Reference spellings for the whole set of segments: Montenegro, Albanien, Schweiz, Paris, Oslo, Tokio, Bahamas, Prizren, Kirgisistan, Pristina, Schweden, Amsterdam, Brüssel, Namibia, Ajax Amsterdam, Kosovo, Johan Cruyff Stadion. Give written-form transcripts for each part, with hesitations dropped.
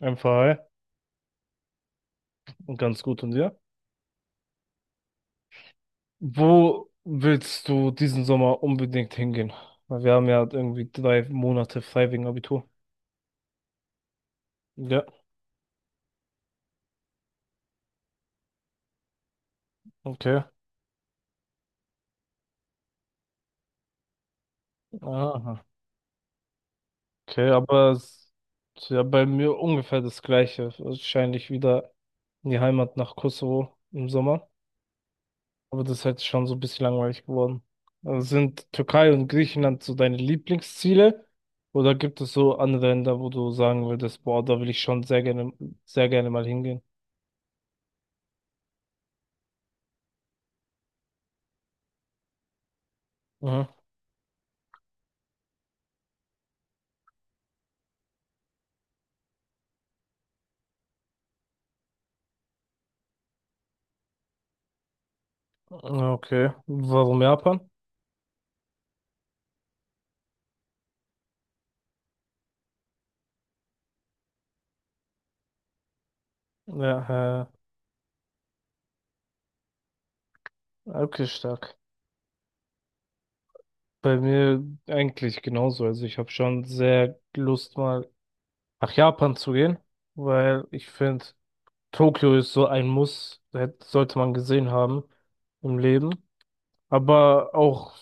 Einfach hi und ganz gut und dir. Wo willst du diesen Sommer unbedingt hingehen? Weil wir haben ja irgendwie 3 Monate frei wegen Abitur. Ja, okay. Aha. Okay, aber es ist ja bei mir ungefähr das Gleiche. Wahrscheinlich wieder in die Heimat nach Kosovo im Sommer. Aber das ist halt schon so ein bisschen langweilig geworden. Also sind Türkei und Griechenland so deine Lieblingsziele? Oder gibt es so andere Länder, wo du sagen würdest, boah, da will ich schon sehr gerne mal hingehen? Mhm. Ja, okay. Warum Japan? Ja, okay, stark. Bei mir eigentlich genauso. Also ich habe schon sehr Lust, mal nach Japan zu gehen, weil ich finde, Tokio ist so ein Muss, sollte man gesehen haben im Leben. Aber auch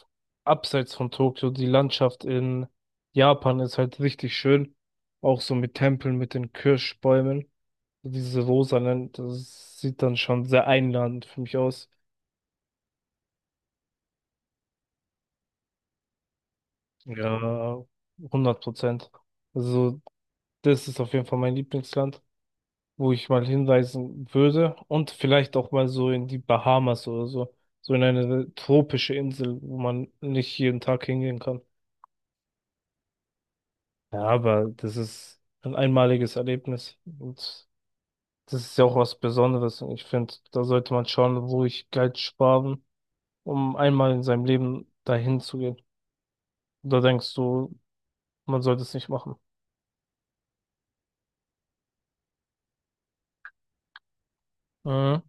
abseits von Tokio, die Landschaft in Japan ist halt richtig schön. Auch so mit Tempeln, mit den Kirschbäumen, diese rosanen, das sieht dann schon sehr einladend für mich aus. Ja, 100%. Also, das ist auf jeden Fall mein Lieblingsland, wo ich mal hinreisen würde, und vielleicht auch mal so in die Bahamas oder so, so in eine tropische Insel, wo man nicht jeden Tag hingehen kann. Ja, aber das ist ein einmaliges Erlebnis, und das ist ja auch was Besonderes, und ich finde, da sollte man schauen, wo ich Geld sparen, um einmal in seinem Leben dahin zu gehen. Da denkst du, man sollte es nicht machen. Mhm.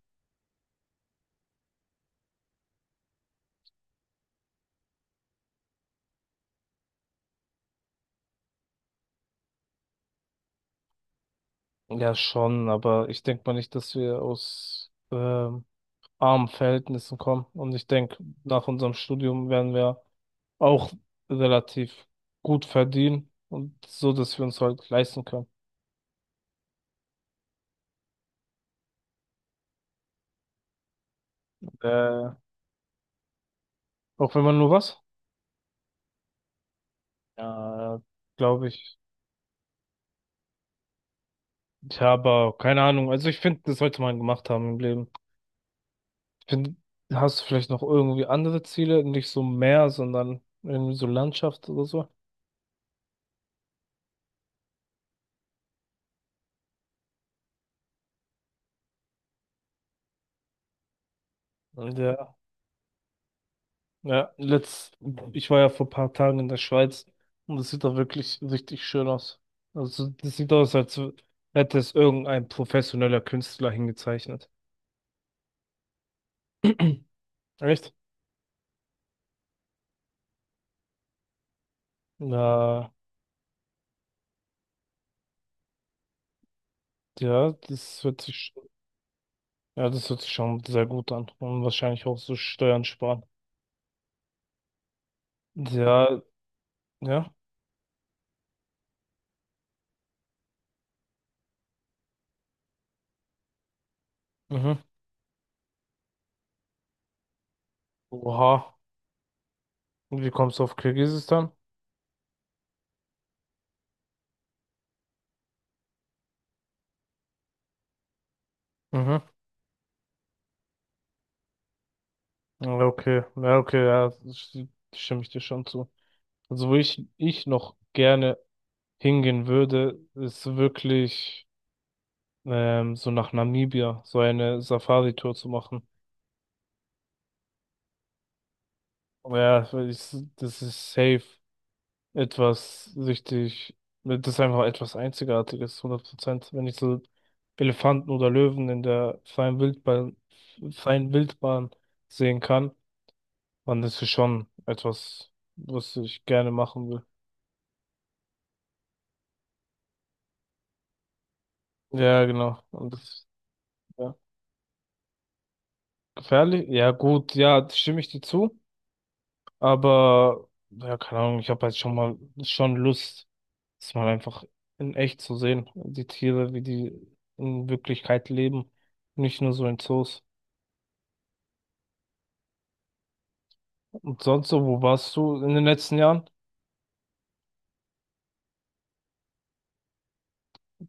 Ja, schon, aber ich denke mal nicht, dass wir aus armen Verhältnissen kommen. Und ich denke, nach unserem Studium werden wir auch relativ gut verdienen und so, dass wir uns halt leisten können. Äh, auch wenn man nur was? Ja, glaube ich. Tja, aber keine Ahnung. Also ich finde, das sollte man gemacht haben im Leben. Ich finde, hast du vielleicht noch irgendwie andere Ziele? Nicht so Meer, sondern irgendwie so Landschaft oder so? Ja. Ja, ich war ja vor ein paar Tagen in der Schweiz, und das sieht da wirklich richtig schön aus. Also das sieht aus, als hätte es irgendein professioneller Künstler hingezeichnet. Echt? Na ja, das hört sich schon sehr gut an, und wahrscheinlich auch so Steuern sparen. Ja, ja, mhm. Oha. Und wie kommst du auf Kirgisistan? Mhm. Ja, okay, ja, okay, ja, stimme ich dir schon zu. Also wo ich noch gerne hingehen würde, ist wirklich so nach Namibia, so eine Safari-Tour zu machen. Aber ja, weil ich, das ist safe etwas richtig, das ist einfach etwas Einzigartiges, 100%. Wenn ich so Elefanten oder Löwen in der freien Wildbahn sehen kann, dann ist es schon etwas, was ich gerne machen will. Ja, genau. Und das, ja. Gefährlich? Ja, gut, ja, stimme ich dir zu. Aber, ja, keine Ahnung, ich habe halt schon Lust, das mal einfach in echt zu sehen. Die Tiere, wie die in Wirklichkeit leben. Nicht nur so in Zoos. Und sonst so, wo warst du in den letzten Jahren?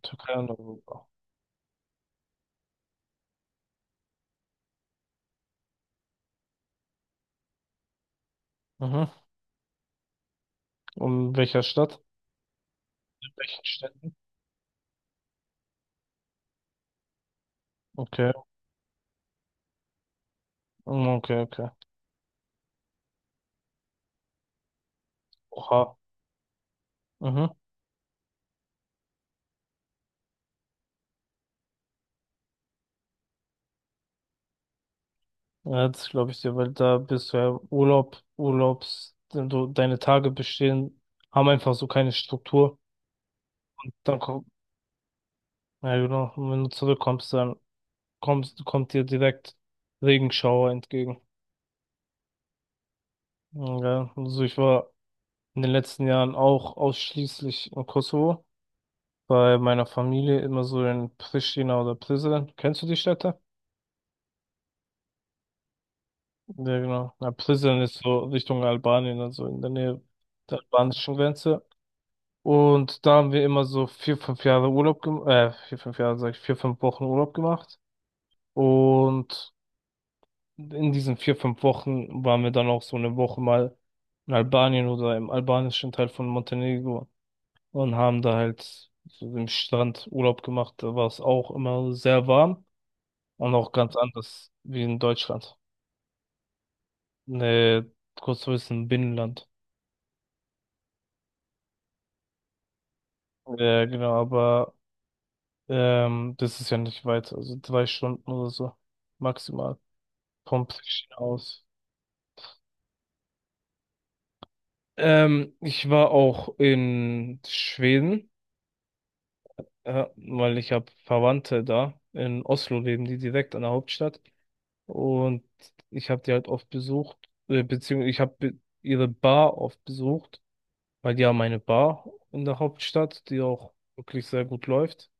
Türkei und Europa. Mhm. Und in welcher Stadt? In welchen Städten? Okay. Mm, okay, okay. Oha. Mhm. Ja, das glaube ich dir, weil da bist du ja im Urlaub, Urlaubs, du, deine Tage bestehen, haben einfach so keine Struktur. Dann ko- Ja, genau. Und wenn du zurückkommst, dann kommt dir direkt Regenschauer entgegen. Ja, also ich war in den letzten Jahren auch ausschließlich im Kosovo, bei meiner Familie immer so in Pristina oder Prizren. Kennst du die Städte? Ja, genau. Na, Prizren ist so Richtung Albanien, also in der Nähe der albanischen Grenze. Und da haben wir immer so 4, 5 Jahre Urlaub gemacht, 4, 5 Jahre, sag ich, 4, 5 Wochen Urlaub gemacht. Und in diesen 4, 5 Wochen waren wir dann auch so eine Woche mal in Albanien oder im albanischen Teil von Montenegro und haben da halt so im Strand Urlaub gemacht. Da war es auch immer sehr warm und auch ganz anders wie in Deutschland. Ne, kurz zu wissen, Binnenland. Ja, genau, aber das ist ja nicht weit, also 3 Stunden oder so maximal vom Pristina aus. Ich war auch in Schweden. Ja, weil ich habe Verwandte da in Oslo leben, die direkt an der Hauptstadt. Und ich habe die halt oft besucht, beziehungsweise ich habe be ihre Bar oft besucht, weil die haben eine Bar in der Hauptstadt, die auch wirklich sehr gut läuft.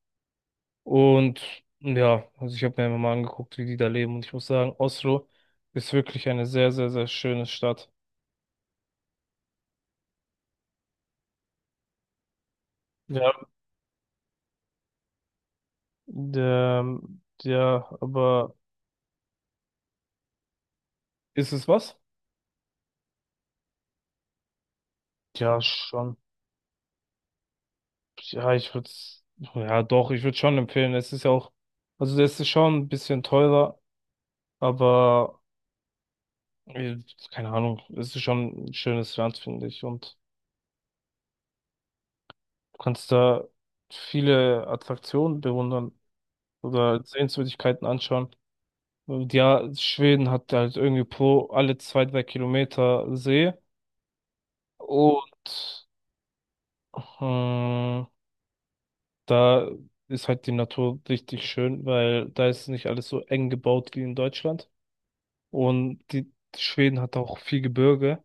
Und ja, also ich habe mir einfach mal angeguckt, wie die da leben. Und ich muss sagen, Oslo ist wirklich eine sehr, sehr, sehr schöne Stadt. Ja, der, ja, aber ist es was? Ja, schon. Ja, ich würde ja doch, ich würde schon empfehlen. Es ist ja auch, also das ist schon ein bisschen teurer, aber äh, keine Ahnung, es ist schon ein schönes Land, finde ich. Und du kannst da viele Attraktionen bewundern oder Sehenswürdigkeiten anschauen. Und ja, Schweden hat halt irgendwie pro alle 2, 3 Kilometer See, und ähm, da ist halt die Natur richtig schön, weil da ist nicht alles so eng gebaut wie in Deutschland. Und die Schweden hat auch viel Gebirge.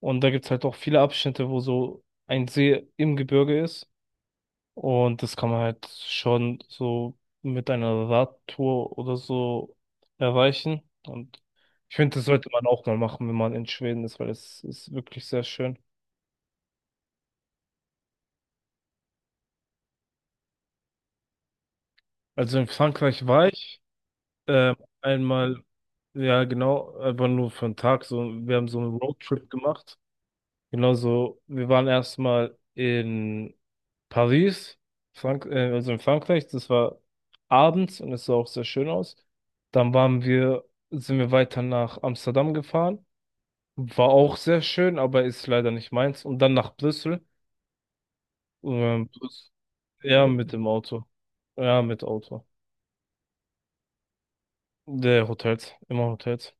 Und da gibt's halt auch viele Abschnitte, wo so ein See im Gebirge ist. Und das kann man halt schon so mit einer Radtour oder so erreichen. Und ich finde, das sollte man auch mal machen, wenn man in Schweden ist, weil es ist wirklich sehr schön. Also in Frankreich war ich ähm, einmal, ja genau, aber nur für einen Tag. So, wir haben so einen Roadtrip gemacht. Genauso, wir waren erstmal in Paris, Frank also in Frankreich, das war abends und es sah auch sehr schön aus. Dann waren wir, sind wir weiter nach Amsterdam gefahren, war auch sehr schön, aber ist leider nicht meins. Und dann nach Brüssel. Ja, mit dem Auto, ja, mit Auto. Der Hotels, immer Hotels.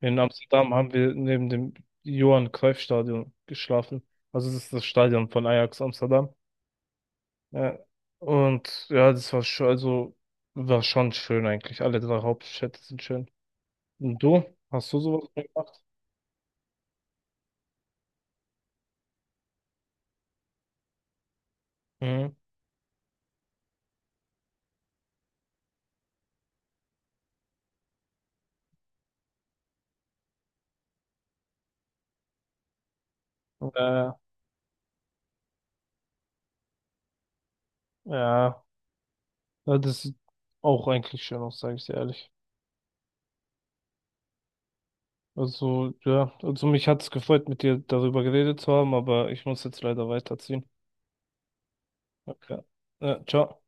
In Amsterdam haben wir neben dem Johan Cruyff Stadion geschlafen. Also das ist das Stadion von Ajax Amsterdam. Ja. Und ja, das war schon, also war schon schön eigentlich. Alle drei Hauptstädte sind schön. Und du? Hast du sowas gemacht? Mhm. Äh, ja, ja, das sieht auch eigentlich schön aus, sage ich dir ehrlich. Also, ja, also mich hat es gefreut, mit dir darüber geredet zu haben, aber ich muss jetzt leider weiterziehen. Okay. Ja, ciao.